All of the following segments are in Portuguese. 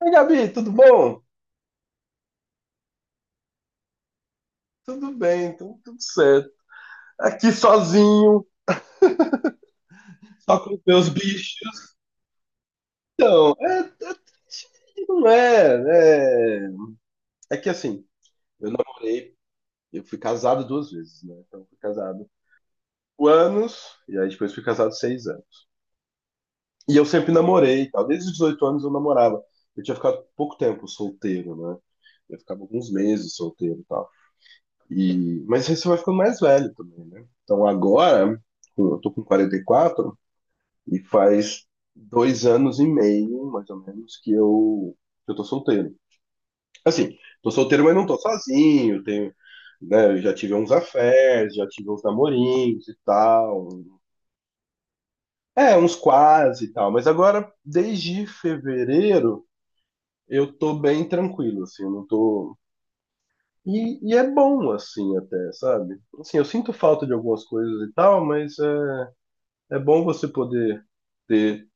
Oi, Gabi, tudo bom? Tudo bem, então, tudo certo. Aqui sozinho, só com os meus bichos. É, é triste, não é, é. É que assim, eu namorei, eu fui casado 2 vezes, né? Então, eu fui casado por anos, e aí depois fui casado 6 anos. E eu sempre namorei, e tal. Desde os 18 anos eu namorava. Eu tinha ficado pouco tempo solteiro, né? Eu ficava alguns meses solteiro e tal. Mas aí você vai ficando mais velho também, né? Então agora, eu tô com 44, e faz 2 anos e meio, mais ou menos, que eu tô solteiro. Assim, tô solteiro, mas não tô sozinho. Tenho, né, eu já tive uns affairs, já tive uns namorinhos e tal. É, uns quase e tal. Mas agora, desde fevereiro, eu tô bem tranquilo, assim, eu não tô. E, é bom, assim, até, sabe? Assim, eu sinto falta de algumas coisas e tal, mas é bom você poder ter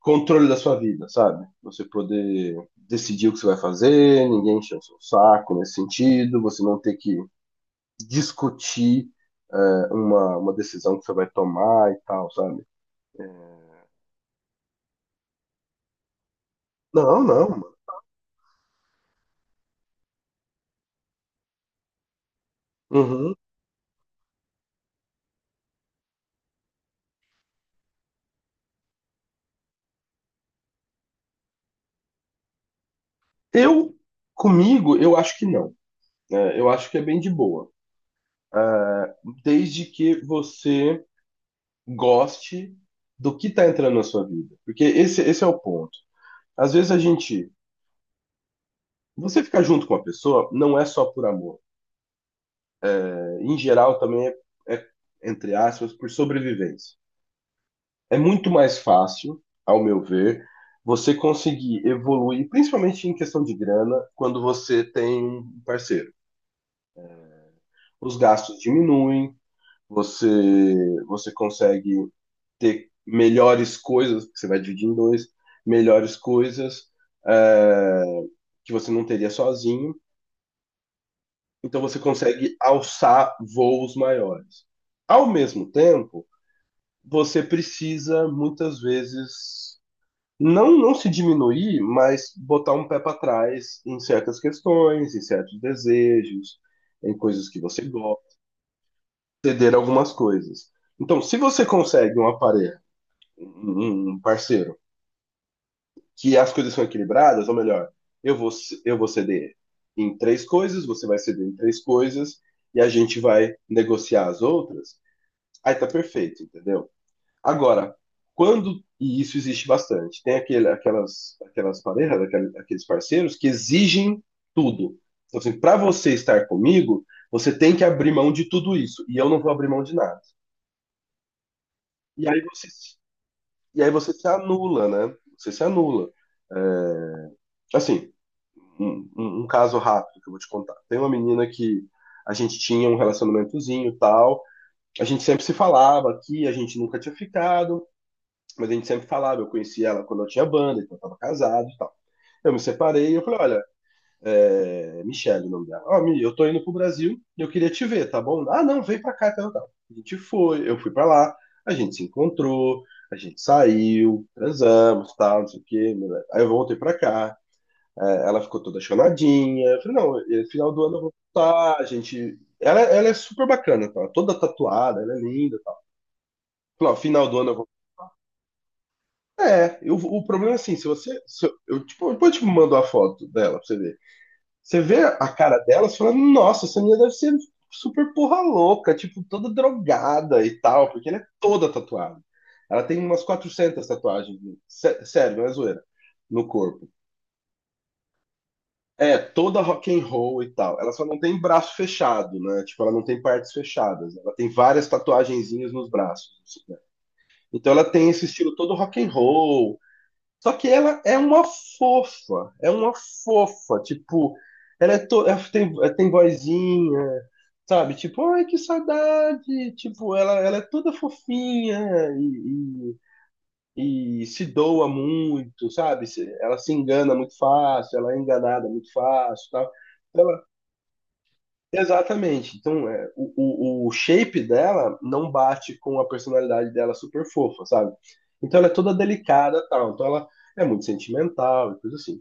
controle da sua vida, sabe? Você poder decidir o que você vai fazer, ninguém encher o seu saco nesse sentido, você não ter que discutir é, uma decisão que você vai tomar e tal, sabe? Não, não, mano. Uhum. Eu, comigo, eu acho que não. É, eu acho que é bem de boa. É, desde que você goste do que tá entrando na sua vida. Porque esse é o ponto. Às vezes a gente. Você ficar junto com uma pessoa não é só por amor. Em geral também é, entre aspas, por sobrevivência. É muito mais fácil, ao meu ver, você conseguir evoluir, principalmente em questão de grana, quando você tem um parceiro. Os gastos diminuem, você, você consegue ter melhores coisas, que você vai dividir em dois, melhores coisas é, que você não teria sozinho, então você consegue alçar voos maiores. Ao mesmo tempo, você precisa muitas vezes não se diminuir, mas botar um pé para trás em certas questões, em certos desejos, em coisas que você gosta, ceder algumas coisas. Então, se você consegue uma parelha, um parceiro, que as coisas são equilibradas, ou melhor, eu vou eu vou ceder em três coisas, você vai ceder em três coisas e a gente vai negociar as outras. Aí tá perfeito, entendeu? Agora, quando, e isso existe bastante, tem aquelas parejas, aqueles parceiros que exigem tudo. Então, assim, para você estar comigo, você tem que abrir mão de tudo isso, e eu não vou abrir mão de nada. E aí você, se- e aí você se anula, né? Você se anula. É, assim, um caso rápido que eu vou te contar. Tem uma menina que a gente tinha um relacionamentozinho e tal, a gente sempre se falava aqui, a gente nunca tinha ficado. Mas a gente sempre falava, eu conheci ela quando eu tinha banda, então eu tava casado e tal. Eu me separei e eu falei, olha, é... Michelle o nome dela. Ó, Mi, eu tô indo pro Brasil e eu queria te ver, tá bom? Ah, não, vem pra cá, tal, tal. A gente foi, eu fui pra lá, a gente se encontrou, a gente saiu, transamos, tal, não sei o quê. Aí eu voltei pra cá, é, ela ficou toda chonadinha. Eu falei, não, no final do ano eu vou voltar, a gente... Ela é super bacana, tá? Toda tatuada, ela é linda. Tá? Final do ano eu vou. É, eu... o problema é assim, se você. Se eu, tipo, depois eu te mando a foto dela pra você ver. Você vê a cara dela, você fala, nossa, essa menina deve ser super porra louca, tipo, toda drogada e tal, porque ela é toda tatuada. Ela tem umas 400 tatuagens, sério, não é zoeira, no corpo. É, toda rock and roll e tal. Ela só não tem braço fechado, né? Tipo, ela não tem partes fechadas. Ela tem várias tatuagenzinhas nos braços. Assim, né? Então ela tem esse estilo todo rock and roll. Só que ela é uma fofa, tipo, ela é to... ela tem vozinha, sabe? Tipo, ai, que saudade, tipo, ela é toda fofinha e, e se doa muito, sabe? Se... ela se engana muito fácil, ela é enganada muito fácil, tal. Então, exatamente. Então, é, o shape dela não bate com a personalidade dela super fofa, sabe? Então ela é toda delicada, tal. Então ela é muito sentimental e coisa assim.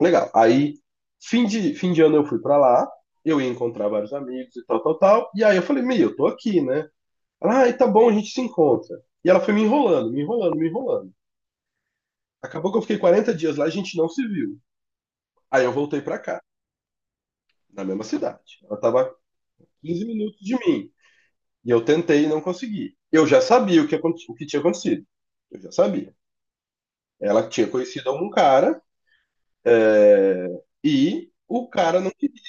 Legal. Aí, fim de ano eu fui pra lá, eu ia encontrar vários amigos e tal, tal, tal. E aí eu falei, meu, eu tô aqui, né? Ela, ah, tá bom, a gente se encontra. E ela foi me enrolando, me enrolando, me enrolando. Acabou que eu fiquei 40 dias lá, e a gente não se viu. Aí eu voltei pra cá, na mesma cidade. Ela tava 15 minutos de mim. E eu tentei e não consegui. Eu já sabia o que tinha acontecido. Eu já sabia. Ela tinha conhecido algum cara, é, e o cara não queria.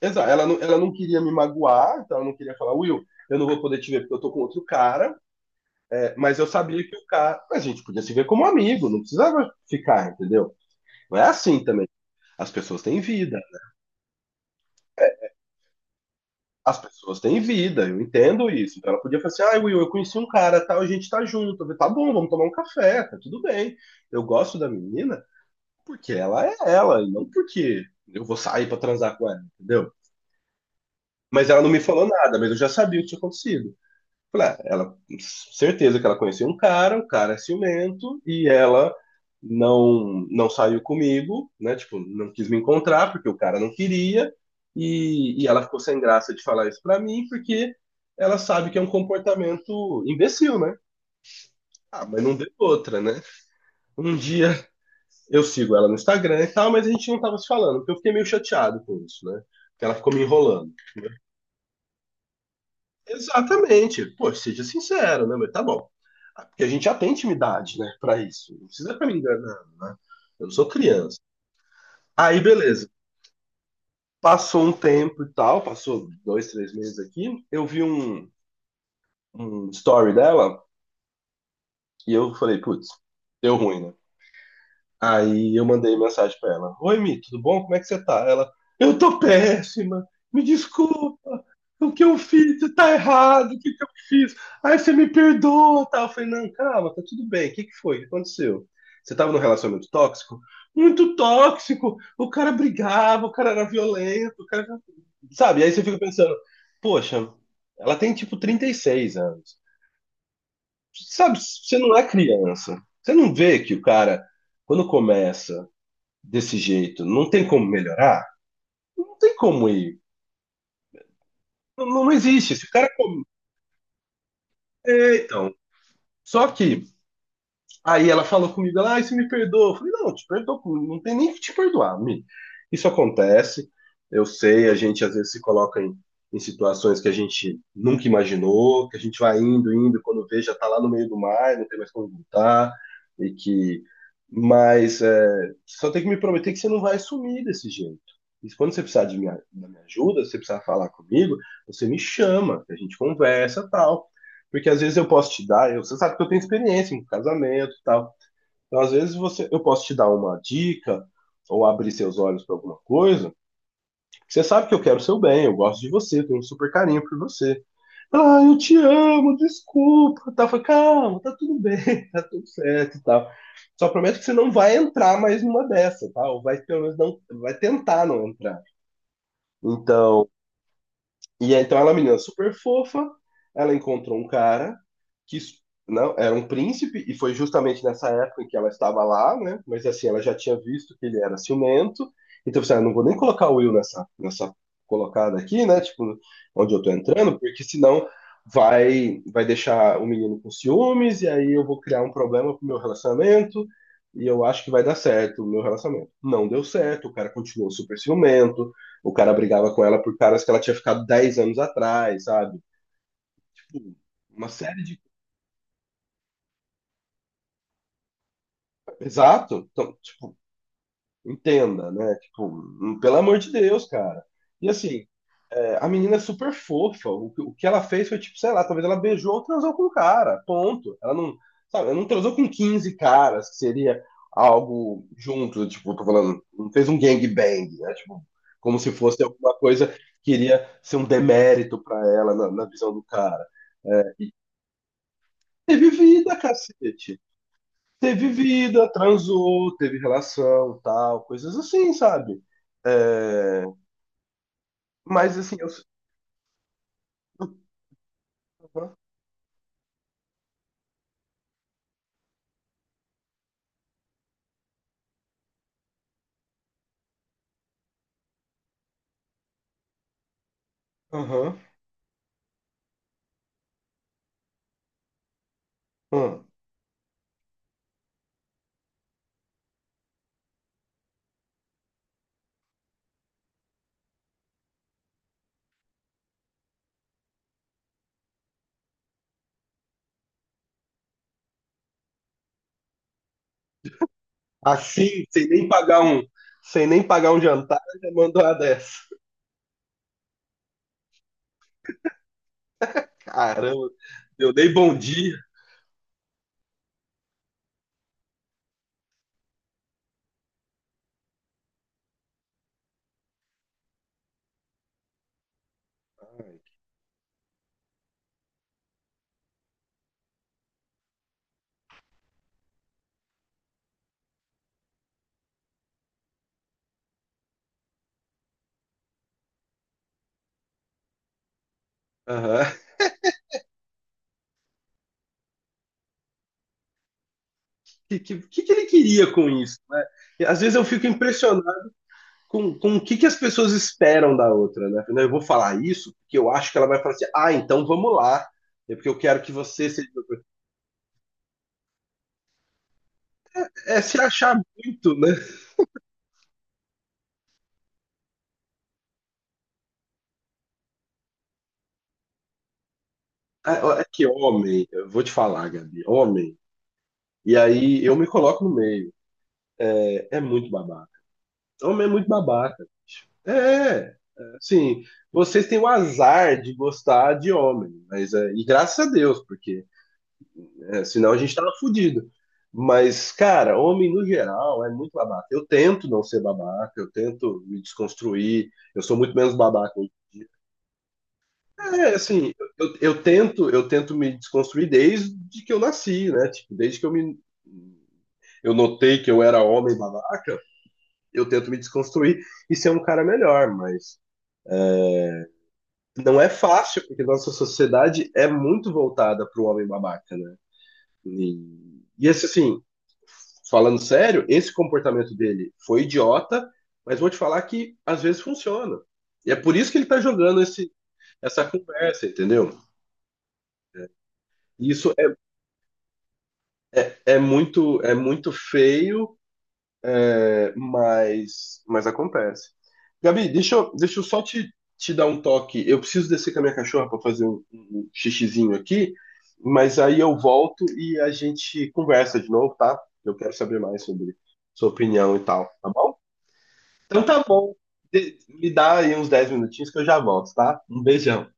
Exato, ela não queria me magoar, então ela não queria falar, Will, eu não vou poder te ver porque eu tô com outro cara, é, mas eu sabia que o cara. A gente podia se ver como amigo, não precisava ficar, entendeu? Não é assim também. As pessoas têm vida. As pessoas têm vida, eu entendo isso. Então ela podia falar assim: ah, Will, eu conheci um cara, tal, a gente tá junto. Eu falei, tá bom, vamos tomar um café, tá tudo bem. Eu gosto da menina porque ela é ela, e não porque eu vou sair pra transar com ela, entendeu? Mas ela não me falou nada, mas eu já sabia o que tinha acontecido. Falei, ah, ela, certeza que ela conhecia um cara, o cara é ciumento, e ela não saiu comigo, né? Tipo, não quis me encontrar porque o cara não queria, e ela ficou sem graça de falar isso pra mim, porque ela sabe que é um comportamento imbecil, né? Ah, mas não deu outra, né? Um dia eu sigo ela no Instagram e tal, mas a gente não tava se falando, porque eu fiquei meio chateado com isso, né? Porque ela ficou me enrolando. Exatamente. Pô, seja sincero, né? Mas tá bom. Ah, porque a gente já tem intimidade, né, pra isso. Não precisa ficar me enganando, né? Eu não sou criança. Aí, beleza. Passou um tempo e tal, passou 2, 3 meses aqui. Eu vi um story dela e eu falei, putz, deu ruim, né? Aí eu mandei mensagem pra ela: oi, Mi, tudo bom? Como é que você tá? Ela: eu tô péssima, me desculpa, o que eu fiz tá errado, o que que eu fiz? Aí você me perdoa, tal. Eu falei: não, calma, tá tudo bem, o que que foi? O que aconteceu? Você tava num relacionamento tóxico? Muito tóxico, o cara brigava, o cara era violento, o cara. Sabe? Aí você fica pensando: poxa, ela tem tipo 36 anos. Sabe, você não é criança. Você não vê que o cara, quando começa desse jeito, não tem como melhorar? Não tem como ir. Não, não existe esse cara. É, então. Só que... Aí ela falou comigo, ela, ai, você me perdoa. Eu falei, não, te perdoo, não tem nem que te perdoar, Mi. Isso acontece, eu sei, a gente às vezes se coloca em, em situações que a gente nunca imaginou, que a gente vai indo, indo, quando vê, já tá lá no meio do mar, não tem mais como voltar, e que. Mas é, só tem que me prometer que você não vai sumir desse jeito. E quando você precisar de minha, da minha ajuda, se você precisar falar comigo, você me chama, a gente conversa tal. Porque às vezes eu posso te dar, eu, você sabe que eu tenho experiência em casamento e tal. Então, às vezes você, eu posso te dar uma dica ou abrir seus olhos para alguma coisa. Você sabe que eu quero o seu bem, eu gosto de você, tenho um super carinho por você. Ah, eu te amo, desculpa. Tá, foi calma, tá tudo bem, tá tudo certo e tal. Só prometo que você não vai entrar mais numa dessa, tá? Ou vai pelo menos não vai tentar não entrar. Então, e aí, então ela é uma menina super fofa, ela encontrou um cara que não era um príncipe, e foi justamente nessa época em que ela estava lá, né? Mas assim, ela já tinha visto que ele era ciumento, então você, ah, não vou nem colocar o Will nessa, nessa colocada aqui, né? Tipo, onde eu tô entrando, porque senão vai, vai deixar o menino com ciúmes, e aí eu vou criar um problema pro meu relacionamento, e eu acho que vai dar certo o meu relacionamento. Não deu certo, o cara continuou super ciumento, o cara brigava com ela por caras que ela tinha ficado 10 anos atrás, sabe? Tipo, uma série de. Exato. Então, tipo, entenda, né? Tipo, pelo amor de Deus, cara. E assim, é, a menina é super fofa. O, que... o que ela fez foi, tipo, sei lá, talvez ela beijou ou transou com o cara. Ponto. Ela não. Sabe, ela não transou com 15 caras, que seria algo junto, tipo, tô falando, não fez um gangbang, né? Tipo, como se fosse alguma coisa que iria ser um demérito pra ela na na visão do cara. Teve vida, cacete. Teve vida, transou, teve relação, tal, coisas assim, sabe? É, mas assim, eu. Aham, aham, aham. Hum. Assim, sem nem pagar um jantar, já mandou uma dessa. Caramba, eu dei bom dia. Aham. O que que ele queria com isso, né? E, às vezes eu fico impressionado com o que as pessoas esperam da outra, né? Eu vou falar isso porque eu acho que ela vai falar assim, ah, então vamos lá, é porque eu quero que você seja... É se achar muito, né? É que homem, eu vou te falar, Gabi, homem, e aí eu me coloco no meio, é, é muito babaca. Homem é muito babaca, bicho. É, assim, vocês têm o azar de gostar de homem, mas é, e graças a Deus, porque é, senão a gente tava fudido. Mas, cara, homem no geral é muito babaca. Eu tento não ser babaca, eu tento me desconstruir, eu sou muito menos babaca hoje em dia. É, assim, eu tento me desconstruir desde que eu nasci, né? Tipo, desde que eu notei que eu era homem babaca, eu tento me desconstruir e ser um cara melhor, mas não é fácil, porque nossa sociedade é muito voltada para o homem babaca, né? E assim, falando sério, esse comportamento dele foi idiota, mas vou te falar que às vezes funciona. E é por isso que ele tá jogando essa conversa, entendeu? Isso é muito feio, é, mas acontece. Gabi, deixa eu só te dar um toque. Eu preciso descer com a minha cachorra para fazer um xixizinho aqui, mas aí eu volto e a gente conversa de novo, tá? Eu quero saber mais sobre sua opinião e tal, tá bom? Então tá bom. De... me dá aí uns 10 minutinhos que eu já volto, tá? Um beijão.